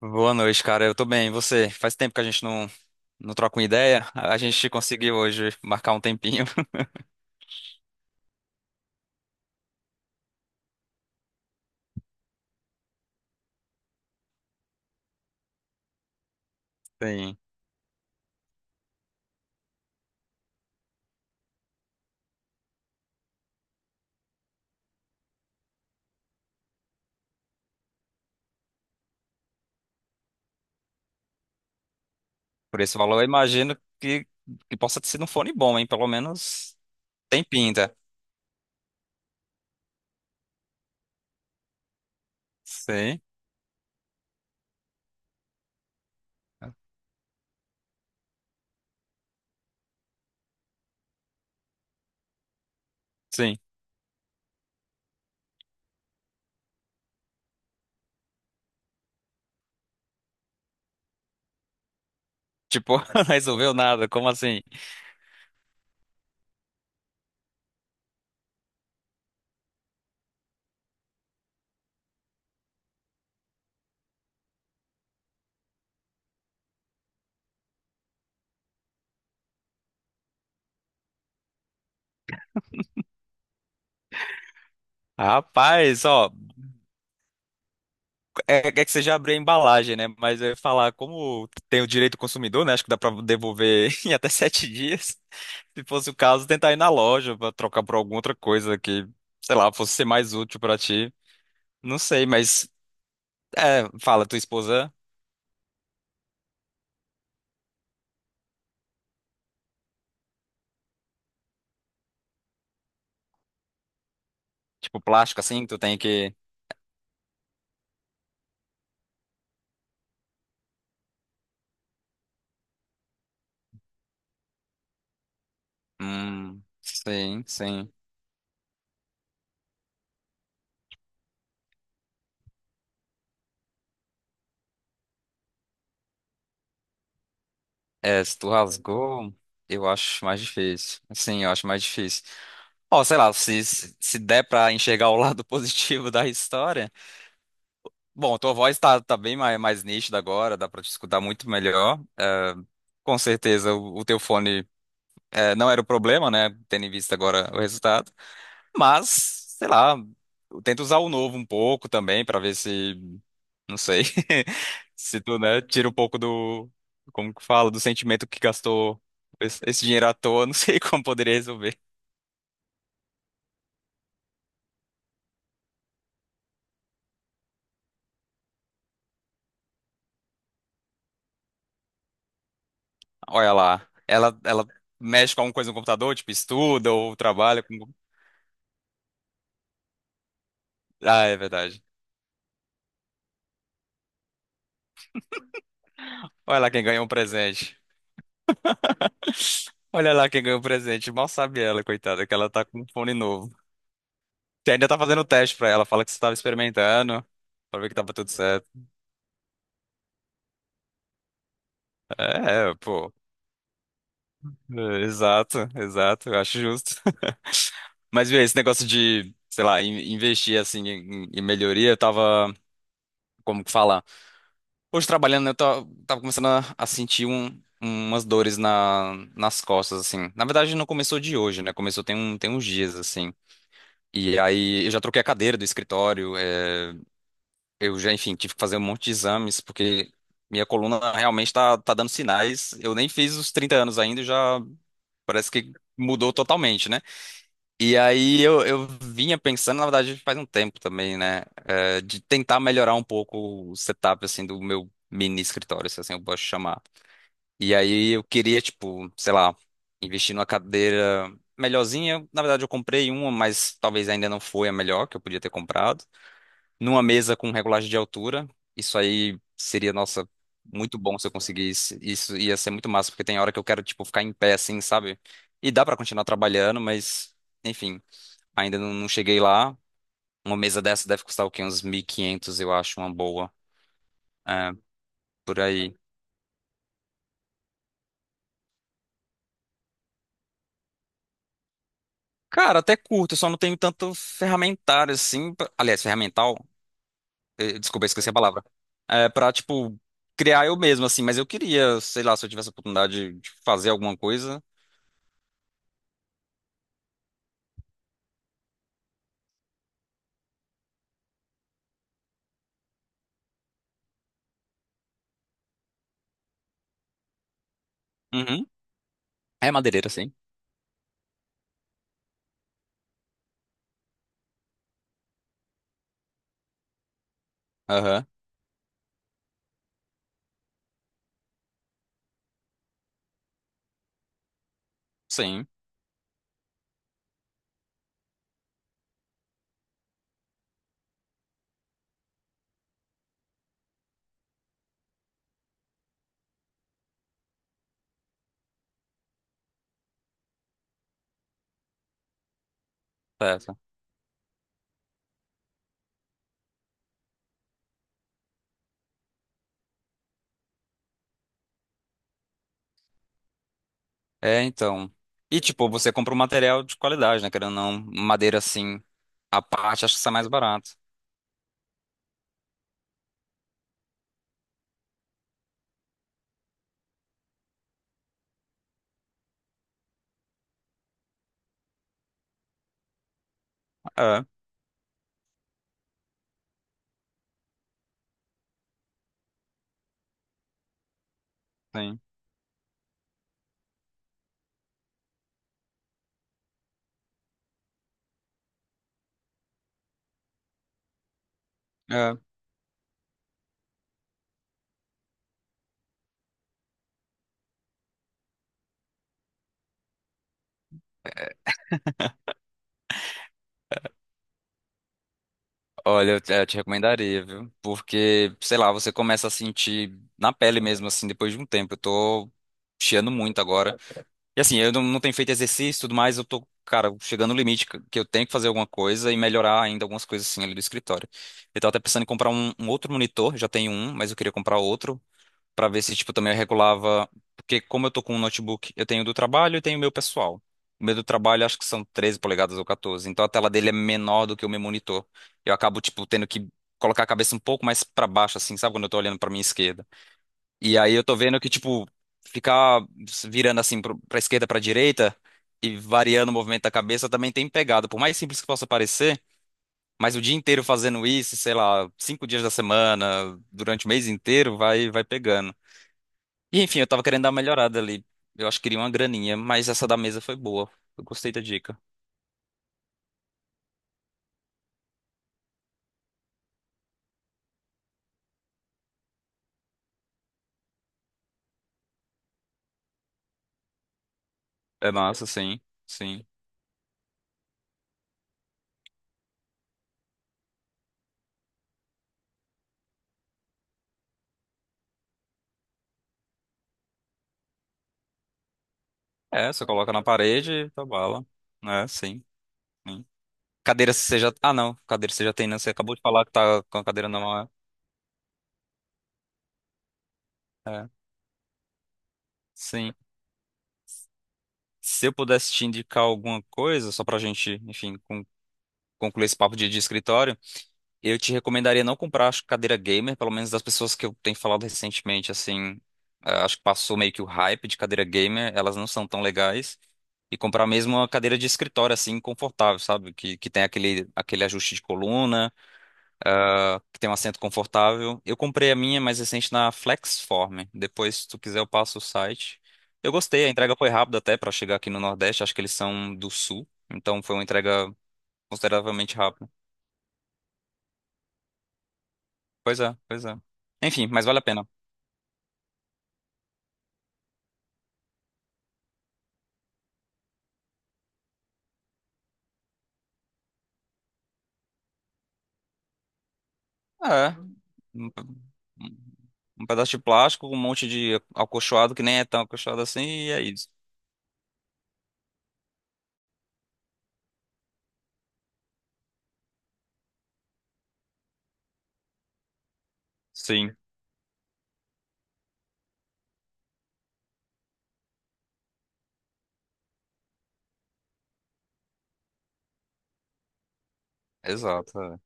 Boa noite, cara. Eu tô bem. E você? Faz tempo que a gente não troca uma ideia. A gente conseguiu hoje marcar um tempinho. Sim. Por esse valor, eu imagino que possa ter sido um fone bom, hein? Pelo menos tem pinta. Sim, sim. Tipo, resolveu nada. Como assim? Rapaz, ó, é que você já abriu a embalagem, né? Mas eu ia falar, como tem o direito do consumidor, né? Acho que dá pra devolver em até 7 dias. Se fosse o caso, tentar ir na loja pra trocar por alguma outra coisa que, sei lá, fosse ser mais útil pra ti. Não sei, mas é, fala, tua esposa, tipo plástico assim, que tu tem que. Sim, sim. É, se tu rasgou, eu acho mais difícil. Sim, eu acho mais difícil. Ó, sei lá, se der pra enxergar o lado positivo da história. Bom, tua voz tá bem mais nítida agora, dá pra te escutar muito melhor. Com certeza o teu fone é, não era o problema, né? Tendo em vista agora o resultado. Mas, sei lá, eu tento usar o novo um pouco também pra ver se, não sei, se tu, né, tira um pouco do, como que fala, do sentimento que gastou esse dinheiro à toa, não sei como poderia resolver. Olha lá, ela mexe com alguma coisa no computador, tipo estuda ou trabalha com... Ah, é verdade. Olha lá quem ganhou um presente. Olha lá quem ganhou um presente. Mal sabe ela, coitada, que ela tá com um fone novo. Você ainda tá fazendo teste pra ela, fala que você tava experimentando, pra ver que tava tudo certo. É, pô. É, exato, exato, eu acho justo. Mas viu, esse negócio de, sei lá, investir assim em melhoria, eu tava, como que fala? Hoje trabalhando, eu tava começando a sentir umas dores nas costas, assim. Na verdade, não começou de hoje, né? Começou tem uns dias, assim. E aí eu já troquei a cadeira do escritório, é, eu já, enfim, tive que fazer um monte de exames, porque minha coluna realmente tá dando sinais. Eu nem fiz os 30 anos ainda, e já parece que mudou totalmente, né? E aí eu vinha pensando, na verdade, faz um tempo também, né? De tentar melhorar um pouco o setup, assim, do meu mini escritório, se assim eu posso chamar. E aí eu queria, tipo, sei lá, investir numa cadeira melhorzinha. Na verdade, eu comprei uma, mas talvez ainda não foi a melhor que eu podia ter comprado. Numa mesa com regulagem de altura. Isso aí seria, nossa, muito bom se eu conseguisse. Isso ia ser muito massa, porque tem hora que eu quero, tipo, ficar em pé, assim, sabe? E dá pra continuar trabalhando, mas... Enfim, ainda não cheguei lá. Uma mesa dessa deve custar o quê? Uns 1.500, eu acho, uma boa. É, por aí. Cara, até curto, eu só não tenho tanto ferramentário assim. Aliás, ferramental? Desculpa, eu esqueci a palavra. É, pra, tipo, criar eu mesmo, assim. Mas eu queria, sei lá, se eu tivesse a oportunidade de fazer alguma coisa. Uhum. É madeireira, sim. Aham. Sim, certo. É, então. E, tipo, você compra um material de qualidade, né? Querendo ou não, madeira assim, à parte, acho que sai mais barato. É, sim. É. Olha, eu te recomendaria, viu? Porque, sei lá, você começa a sentir na pele mesmo, assim, depois de um tempo. Eu tô chiando muito agora. E assim, eu não tenho feito exercício e tudo mais, eu tô, cara, chegando no limite que eu tenho que fazer alguma coisa e melhorar ainda algumas coisas, assim, ali do escritório. Eu tava até pensando em comprar um outro monitor, já tenho um, mas eu queria comprar outro. Pra ver se, tipo, também eu regulava. Porque como eu tô com um notebook, eu tenho do trabalho e tenho o meu pessoal. O meu do trabalho acho que são 13 polegadas ou 14. Então a tela dele é menor do que o meu monitor. Eu acabo, tipo, tendo que colocar a cabeça um pouco mais pra baixo, assim, sabe? Quando eu tô olhando pra minha esquerda. E aí eu tô vendo que, tipo, ficar virando assim pra esquerda, pra direita e variando o movimento da cabeça também tem pegado. Por mais simples que possa parecer, mas o dia inteiro fazendo isso, sei lá, 5 dias da semana, durante o mês inteiro, vai pegando. E enfim, eu tava querendo dar uma melhorada ali. Eu acho que queria uma graninha, mas essa da mesa foi boa. Eu gostei da dica. É massa, sim, sim. É, você coloca na parede e tá bala. É, sim, sim. Cadeira você já. Ah, não, cadeira você já tem, né? Você acabou de falar que tá com a cadeira na mão. É, é, sim. Se eu pudesse te indicar alguma coisa, só pra gente, enfim, concluir esse papo de escritório. Eu te recomendaria não comprar, acho, cadeira gamer, pelo menos das pessoas que eu tenho falado recentemente, assim, ah, acho que passou meio que o hype de cadeira gamer, elas não são tão legais. E comprar mesmo uma cadeira de escritório, assim, confortável, sabe? Que tem aquele ajuste de coluna, ah, que tem um assento confortável. Eu comprei a minha mais recente na Flexform. Depois, se tu quiser, eu passo o site. Eu gostei, a entrega foi rápida até para chegar aqui no Nordeste, acho que eles são do Sul, então foi uma entrega consideravelmente rápida. Pois é, pois é. Enfim, mas vale a pena. É. Um um pedaço de plástico um monte de acolchoado que nem é tão acolchoado assim, e é isso. Sim, exato. É.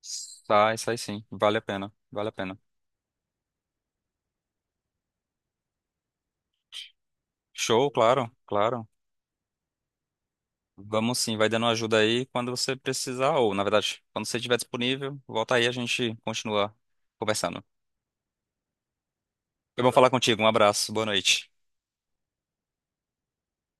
Sai, sai sim. Vale a pena, vale a pena. Show, claro, claro. Vamos sim, vai dando ajuda aí quando você precisar, ou na verdade, quando você estiver disponível, volta aí, a gente continua conversando. Foi bom falar contigo, um abraço, boa noite.